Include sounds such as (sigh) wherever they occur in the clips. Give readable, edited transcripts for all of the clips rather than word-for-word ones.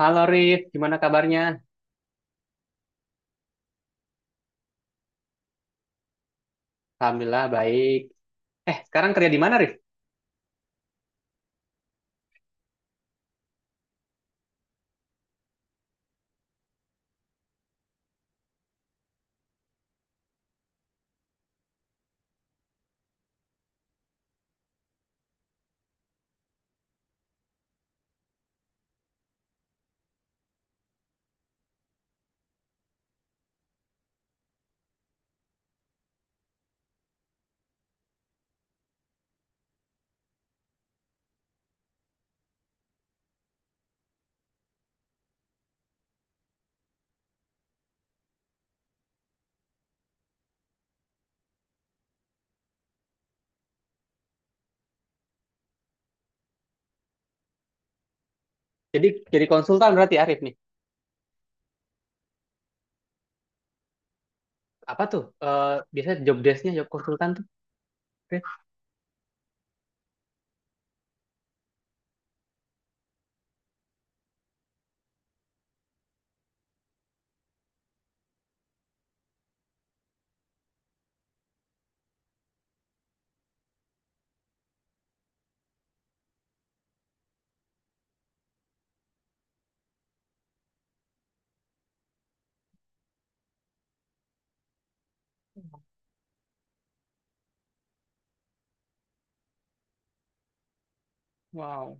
Halo Rif, gimana kabarnya? Alhamdulillah baik. Sekarang kerja di mana Rif? Jadi jadi konsultan berarti Arif nih. Apa tuh? Biasanya job desk-nya job konsultan tuh, Rif? Wow.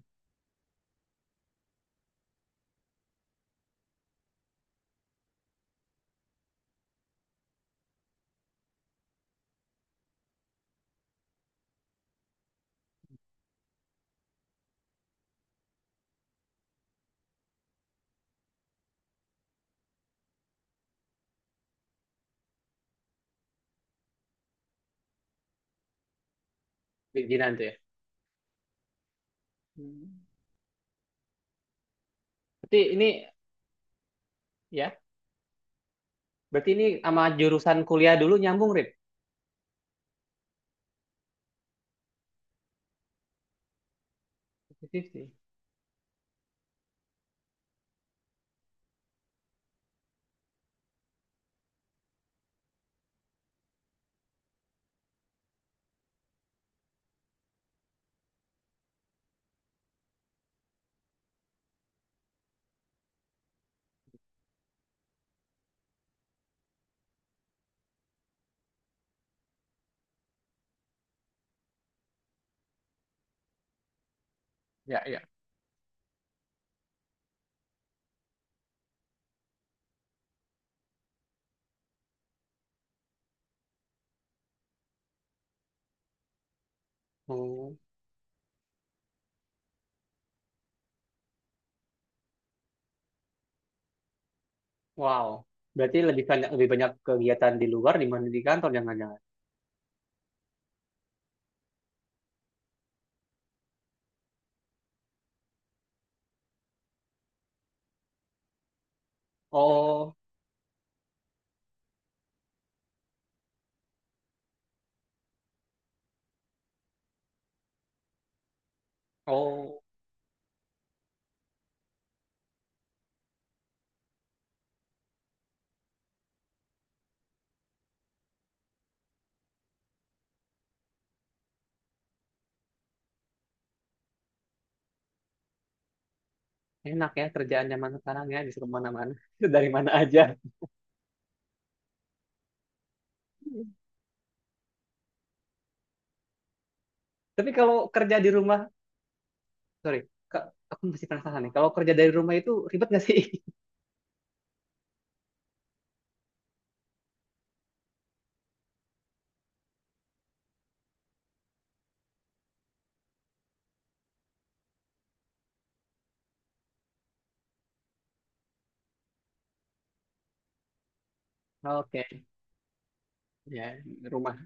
Bikinan tuh ya. Hmm. Berarti ini ya, berarti ini sama jurusan kuliah dulu nyambung, Rif. Positif sih. Ya, ya. Oh, wow. Berarti lebih banyak kegiatan di luar dibanding di kantor jangan-jangan. Oh, oh, enak ya kerjaan zaman sekarang ya bisa kemana-mana (laughs) dari mana aja. Tapi kalau kerja di rumah Sorry, Kak, aku masih penasaran nih. Kalau kerja dari rumah itu ribet nggak sih? (laughs) Oke, ya, rumah.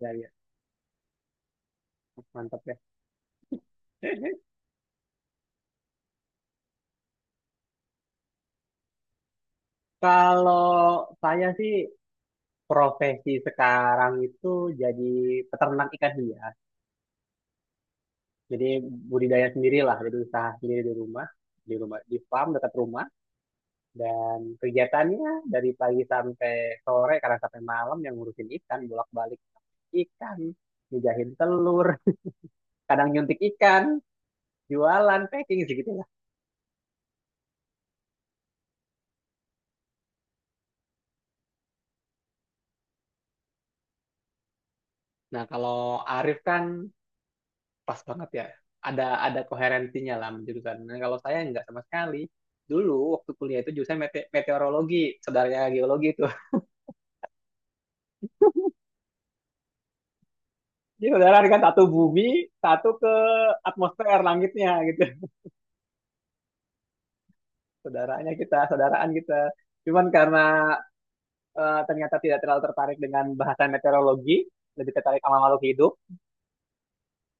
Ya, ya, mantap ya. (laughs) Kalau saya sih profesi sekarang itu jadi peternak ikan hias. Jadi budidaya sendiri lah, jadi usaha sendiri di rumah, di farm dekat rumah. Dan kegiatannya dari pagi sampai sore, kadang sampai malam, yang ngurusin ikan, bolak-balik ikan, ngejahin telur, kadang nyuntik ikan. Jualan packing segitu lah. Nah, kalau Arif kan pas banget ya. Ada koherensinya lah jurusan. Nah, kalau saya nggak sama sekali. Dulu waktu kuliah itu jurusan meteorologi, saudaranya geologi itu. (laughs) Jadi saudara kan, satu bumi, satu ke atmosfer langitnya gitu. (laughs) Saudaranya kita, saudaraan kita. Cuman karena ternyata tidak terlalu tertarik dengan bahasan meteorologi, lebih tertarik sama makhluk hidup.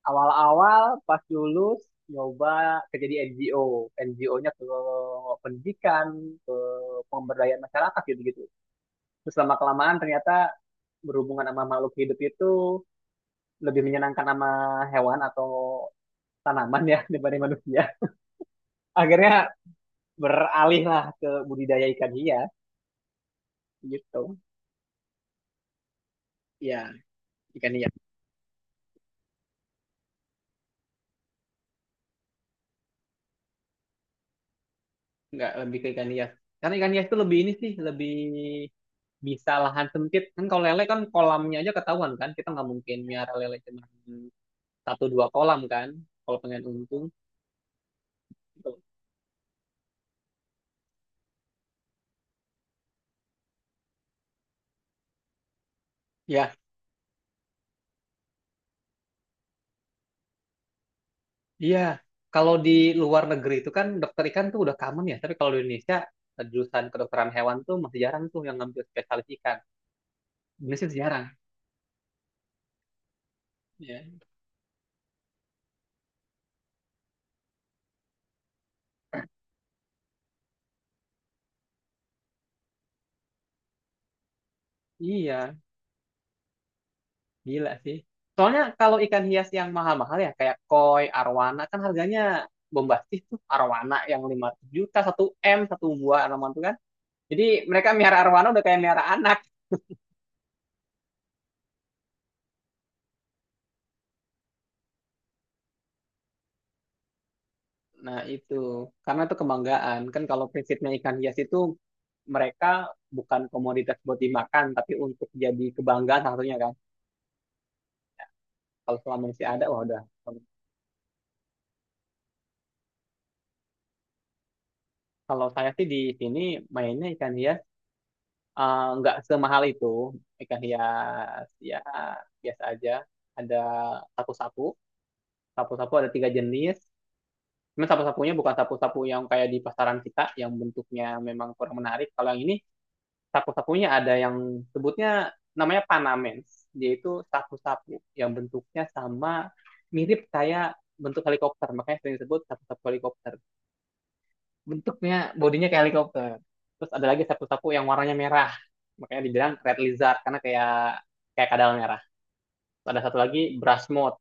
Awal-awal pas lulus nyoba kerja di NGO. NGO-nya ke pendidikan, ke pemberdayaan masyarakat, gitu gitu. Terus lama kelamaan ternyata berhubungan sama makhluk hidup itu lebih menyenangkan, sama hewan atau tanaman ya, (laughs) daripada manusia. Akhirnya beralih lah ke budidaya ikan hias, gitu. Ya, ikan hias. Nggak, lebih ke ikan hias karena ikan hias itu lebih ini sih, lebih bisa lahan sempit kan. Kalau lele kan kolamnya aja ketahuan kan, kita nggak mungkin miara lele cuma satu dua kolam kan, kalau pengen untung gitu. Ya, iya. Kalau di luar negeri itu kan dokter ikan tuh udah common ya, tapi kalau di Indonesia jurusan kedokteran hewan tuh masih jarang tuh yang ngambil spesialis ikan. Indonesia masih jarang. Ya, iya, gila sih. Soalnya kalau ikan hias yang mahal-mahal ya kayak koi arwana kan harganya bombastis tuh. Arwana yang 500 juta satu, satu buah arwana tuh kan. Jadi mereka miara arwana udah kayak miara anak. Nah itu, karena itu kebanggaan. Kan kalau prinsipnya ikan hias itu, mereka bukan komoditas buat dimakan, tapi untuk jadi kebanggaan salah satunya kan. Kalau selama masih ada, wah udah. Kalau saya sih di sini mainnya ikan hias, nggak semahal itu. Ikan hias ya biasa aja. Ada sapu-sapu, sapu-sapu ada tiga jenis. Cuman sapu-sapunya bukan sapu-sapu yang kayak di pasaran kita, yang bentuknya memang kurang menarik. Kalau yang ini sapu-sapunya ada yang sebutnya namanya panamens. Yaitu itu sapu-sapu yang bentuknya sama, mirip kayak bentuk helikopter, makanya sering disebut sapu-sapu helikopter. Bentuknya bodinya kayak helikopter. Terus ada lagi sapu-sapu yang warnanya merah, makanya dibilang red lizard, karena kayak kayak kadal merah. Terus ada satu lagi brass mode.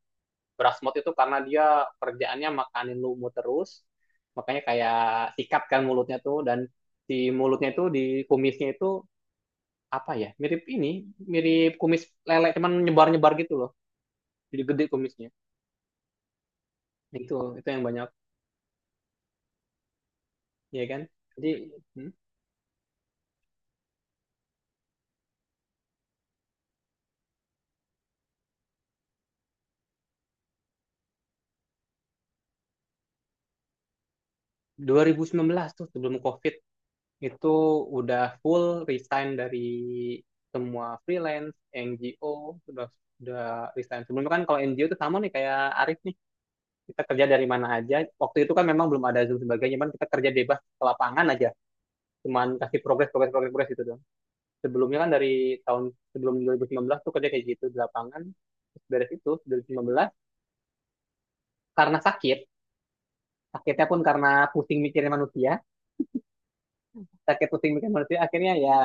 Brass mode itu karena dia kerjaannya makanin lumut terus, makanya kayak sikat kan mulutnya tuh, dan di mulutnya itu di kumisnya itu, apa ya, mirip ini, mirip kumis lele cuman nyebar-nyebar gitu loh, jadi gede kumisnya. Itu itu yang banyak, ya kan. Jadi hmm, 2019 tuh sebelum COVID itu udah full resign dari semua freelance NGO, udah udah resign sebelumnya kan. Kalau NGO itu sama nih kayak Arif nih, kita kerja dari mana aja. Waktu itu kan memang belum ada Zoom sebagainya, cuman kita kerja bebas ke lapangan aja, cuman kasih progres progres progres progres gitu doang. Sebelumnya kan dari tahun sebelum 2019 tuh kerja kayak gitu di lapangan. Terus beres itu 2019 karena sakit. Sakitnya pun karena pusing mikirin manusia, sakit pusing mikirin manusia, akhirnya ya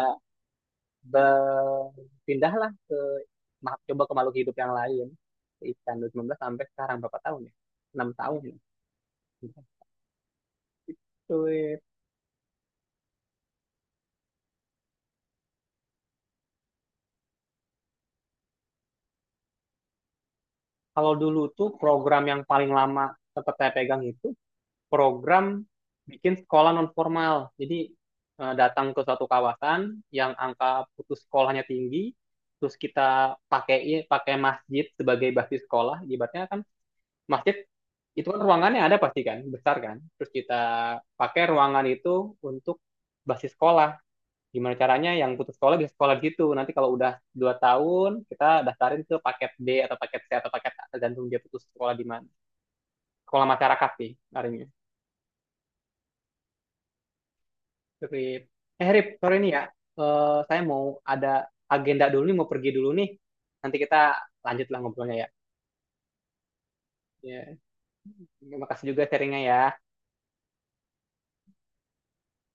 berpindahlah ke, coba ke makhluk hidup yang lain, ke ikan. 2019 sampai sekarang berapa tahun ya, 6 tahun ya. Cuy, kalau dulu tuh program yang paling lama sempat saya pegang itu program bikin sekolah non formal. Jadi datang ke suatu kawasan yang angka putus sekolahnya tinggi, terus kita pakai pakai masjid sebagai basis sekolah. Ibaratnya kan masjid itu kan ruangannya ada pasti kan, besar kan. Terus kita pakai ruangan itu untuk basis sekolah. Gimana caranya yang putus sekolah bisa sekolah di situ. Nanti kalau udah 2 tahun, kita daftarin ke paket D atau paket C atau paket A, tergantung dia putus sekolah di mana. Sekolah masyarakat sih, harinya. Rip. Eh Rip, sorry nih ya. Eh, saya mau ada agenda dulu nih, mau pergi dulu nih. Nanti kita lanjutlah ngobrolnya ya. Ya, terima kasih juga sharingnya ya.